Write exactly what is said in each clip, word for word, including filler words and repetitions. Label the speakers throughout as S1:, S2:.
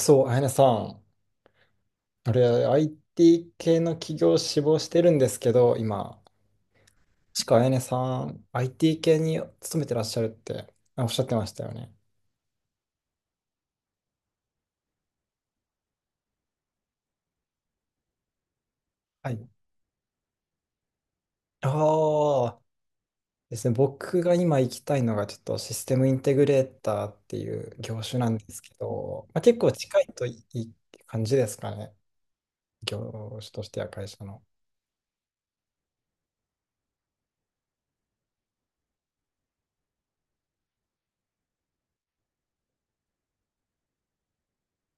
S1: そう、あやねさん、あれ、アイティー 系の企業を志望してるんですけど、今、しかあやねさん、アイティー 系に勤めてらっしゃるってあおっしゃってましたよね。はい。ああ、ですね、僕が今行きたいのが、ちょっとシステムインテグレーターっていう業種なんですけど、まあ、結構近いといい感じですかね、業種としては会社の。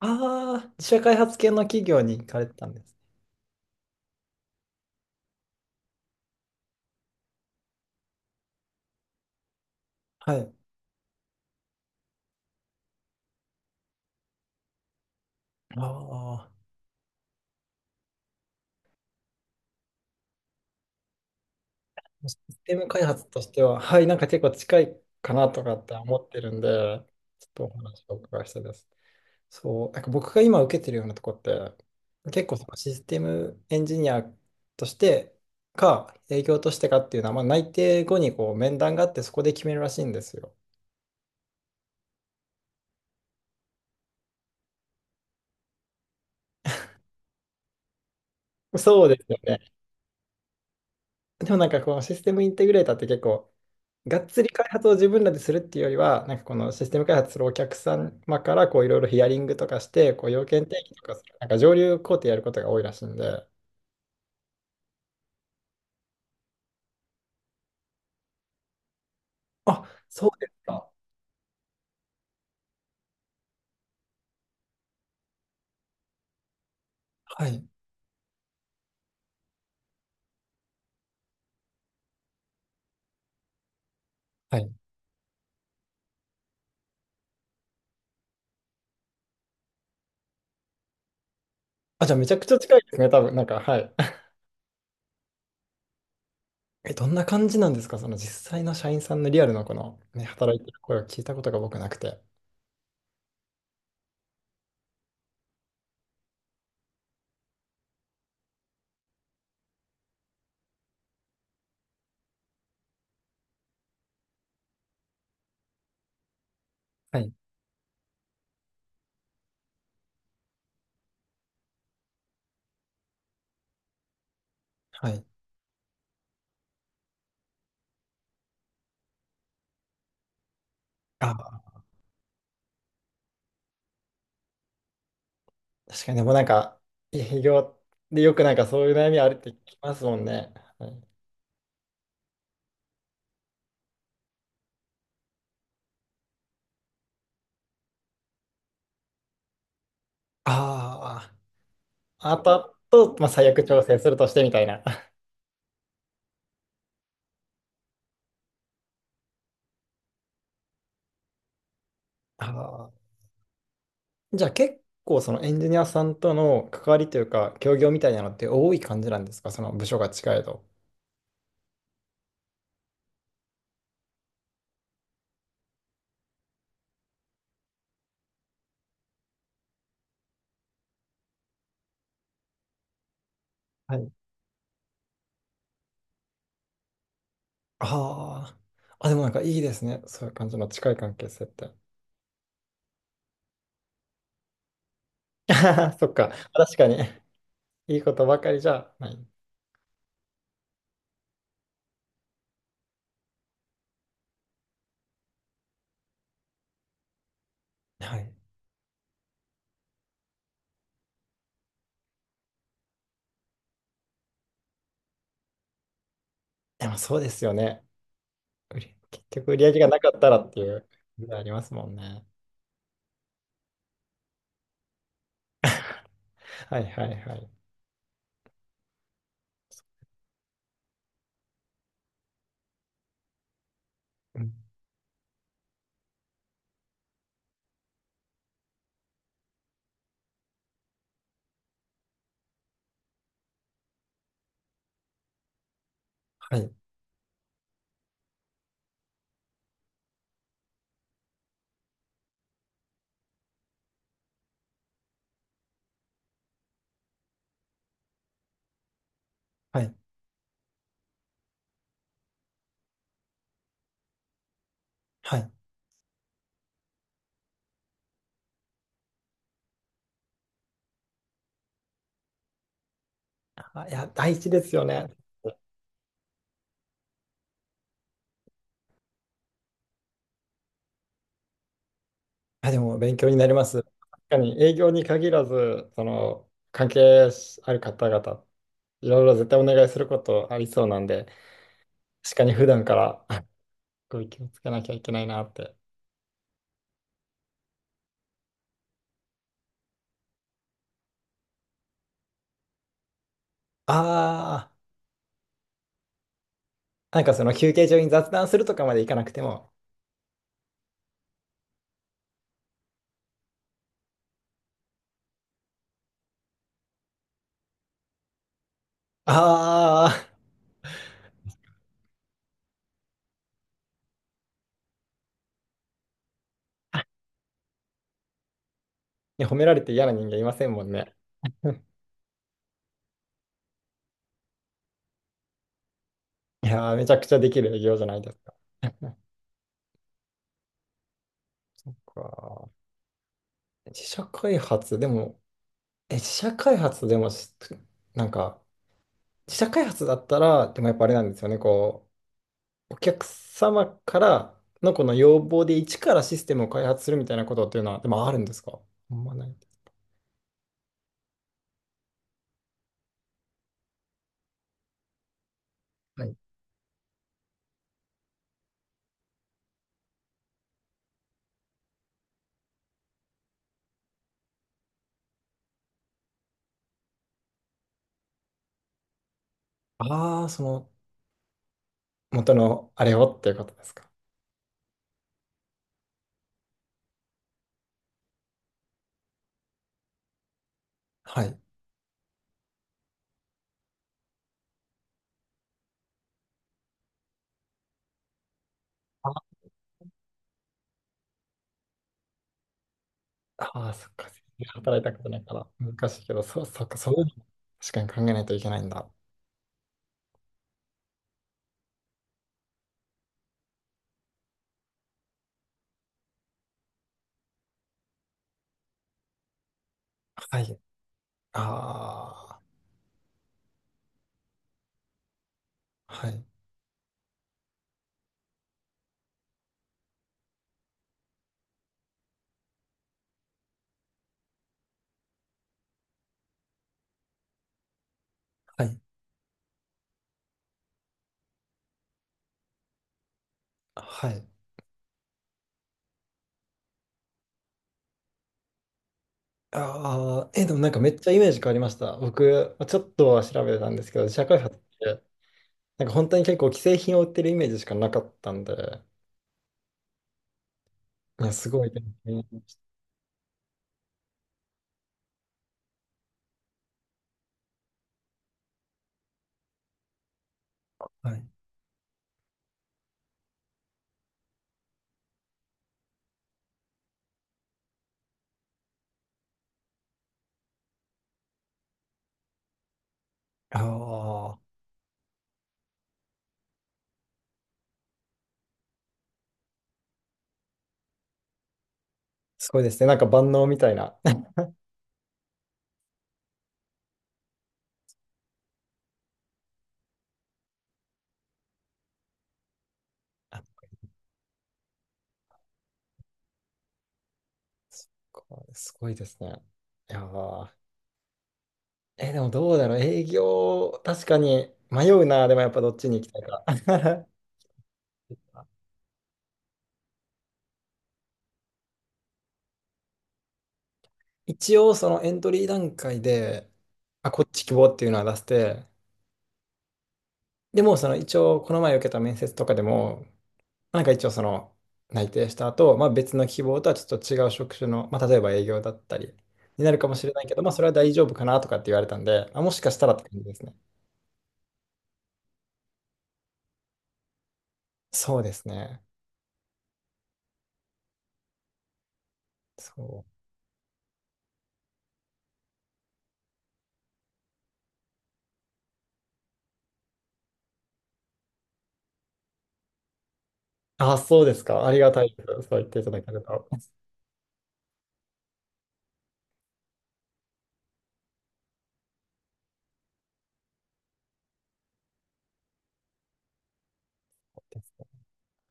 S1: ああ、自社開発系の企業に行かれてたんです。はい。あシステム開発としては、はい、なんか結構近いかなとかって思ってるんで、ちょっとお話をお伺いしたいです。そう、なんか僕が今受けてるようなとこって、結構そのシステムエンジニアとしてか、営業としてかっていうのは、まあ、内定後にこう面談があって、そこで決めるらしいんですよ。そうですよね。でもなんかこのシステムインテグレーターって結構、がっつり開発を自分らでするっていうよりは、なんかこのシステム開発するお客様からこういろいろヒアリングとかして、こう要件定義とかする、なんか上流工程やることが多いらしいんで。あ、そうですか。はい。はい。あ、じゃあめちゃくちゃ近いですね、多分。なんか、はい。え、どんな感じなんですかその実際の社員さんのリアルのこの、ね、働いてる声を聞いたことが僕なくて。はい。はい。あ、確かに、でもなんか、営業でよくなんかそういう悩みあるって聞きますもんね。はい、ああ。あとあと、まあ、最悪調整するとしてみたいな。あーじゃあ結構そのエンジニアさんとの関わりというか、協業みたいなのって多い感じなんですかその部署が近いと。はい。ああ。あ、でもなんかいいですね。そういう感じの近い関係性って。そっか。確かに。いいことばかりじゃない。はい。でもそうですよね。売り結局売り上げがなかったらっていう、ありますもんね。はいはいはい。うんはい。はい。はい。あいや、大事ですよね。あ、でも勉強になります。確かに営業に限らず、その関係ある方々、いろいろ絶対お願いすることありそうなんで、確かに普段からあこう気をつけなきゃいけないなって。ああ、なんかその休憩中に雑談するとかまでいかなくても、ああ、ね、褒められて嫌な人間いませんもんね。いやー、めちゃくちゃできる営業じゃないですか。か自社開発、でも、え、自社開発でもし、なんか、自社開発だったら、でもやっぱあれなんですよね、こう、お客様からのこの要望で一からシステムを開発するみたいなことっていうのは、でもあるんですかほんまない。はいああ、その、元のあれをっていうことですか。はい。ああー、そっか。働いたことないから、難しいけど、そう、そっか、そう確かに考えないといけないんだ。はい。ああ、はい。はい。はい。ああ、え、でもなんかめっちゃイメージ変わりました。僕、ちょっとは調べてたんですけど、自社開発って、なんか本当に結構既製品を売ってるイメージしかなかったんで、いや、すごい勉強になりました。はい。ああ、すごいですね。なんか万能みたいな。あこうすごいですね。いやー、え、でもどうだろう。営業、確かに迷うな。でもやっぱどっちに行きたいか。一応そのエントリー段階で、あ、こっち希望っていうのは出して、でもその一応この前受けた面接とかでも、なんか一応その内定した後、まあ別の希望とはちょっと違う職種の、まあ例えば営業だったりになるかもしれないけど、まあそれは大丈夫かなとかって言われたんで、あ、もしかしたらって感じですね。そうですね。そう。あ、そうですか。ありがたいです。そう言っていただけると。そうですね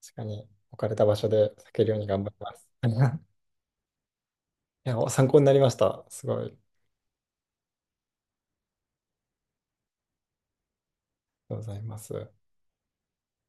S1: 確かに置かれた場所で避けるように頑張ります。いや、参考になりました。すごい。ありがとうございます。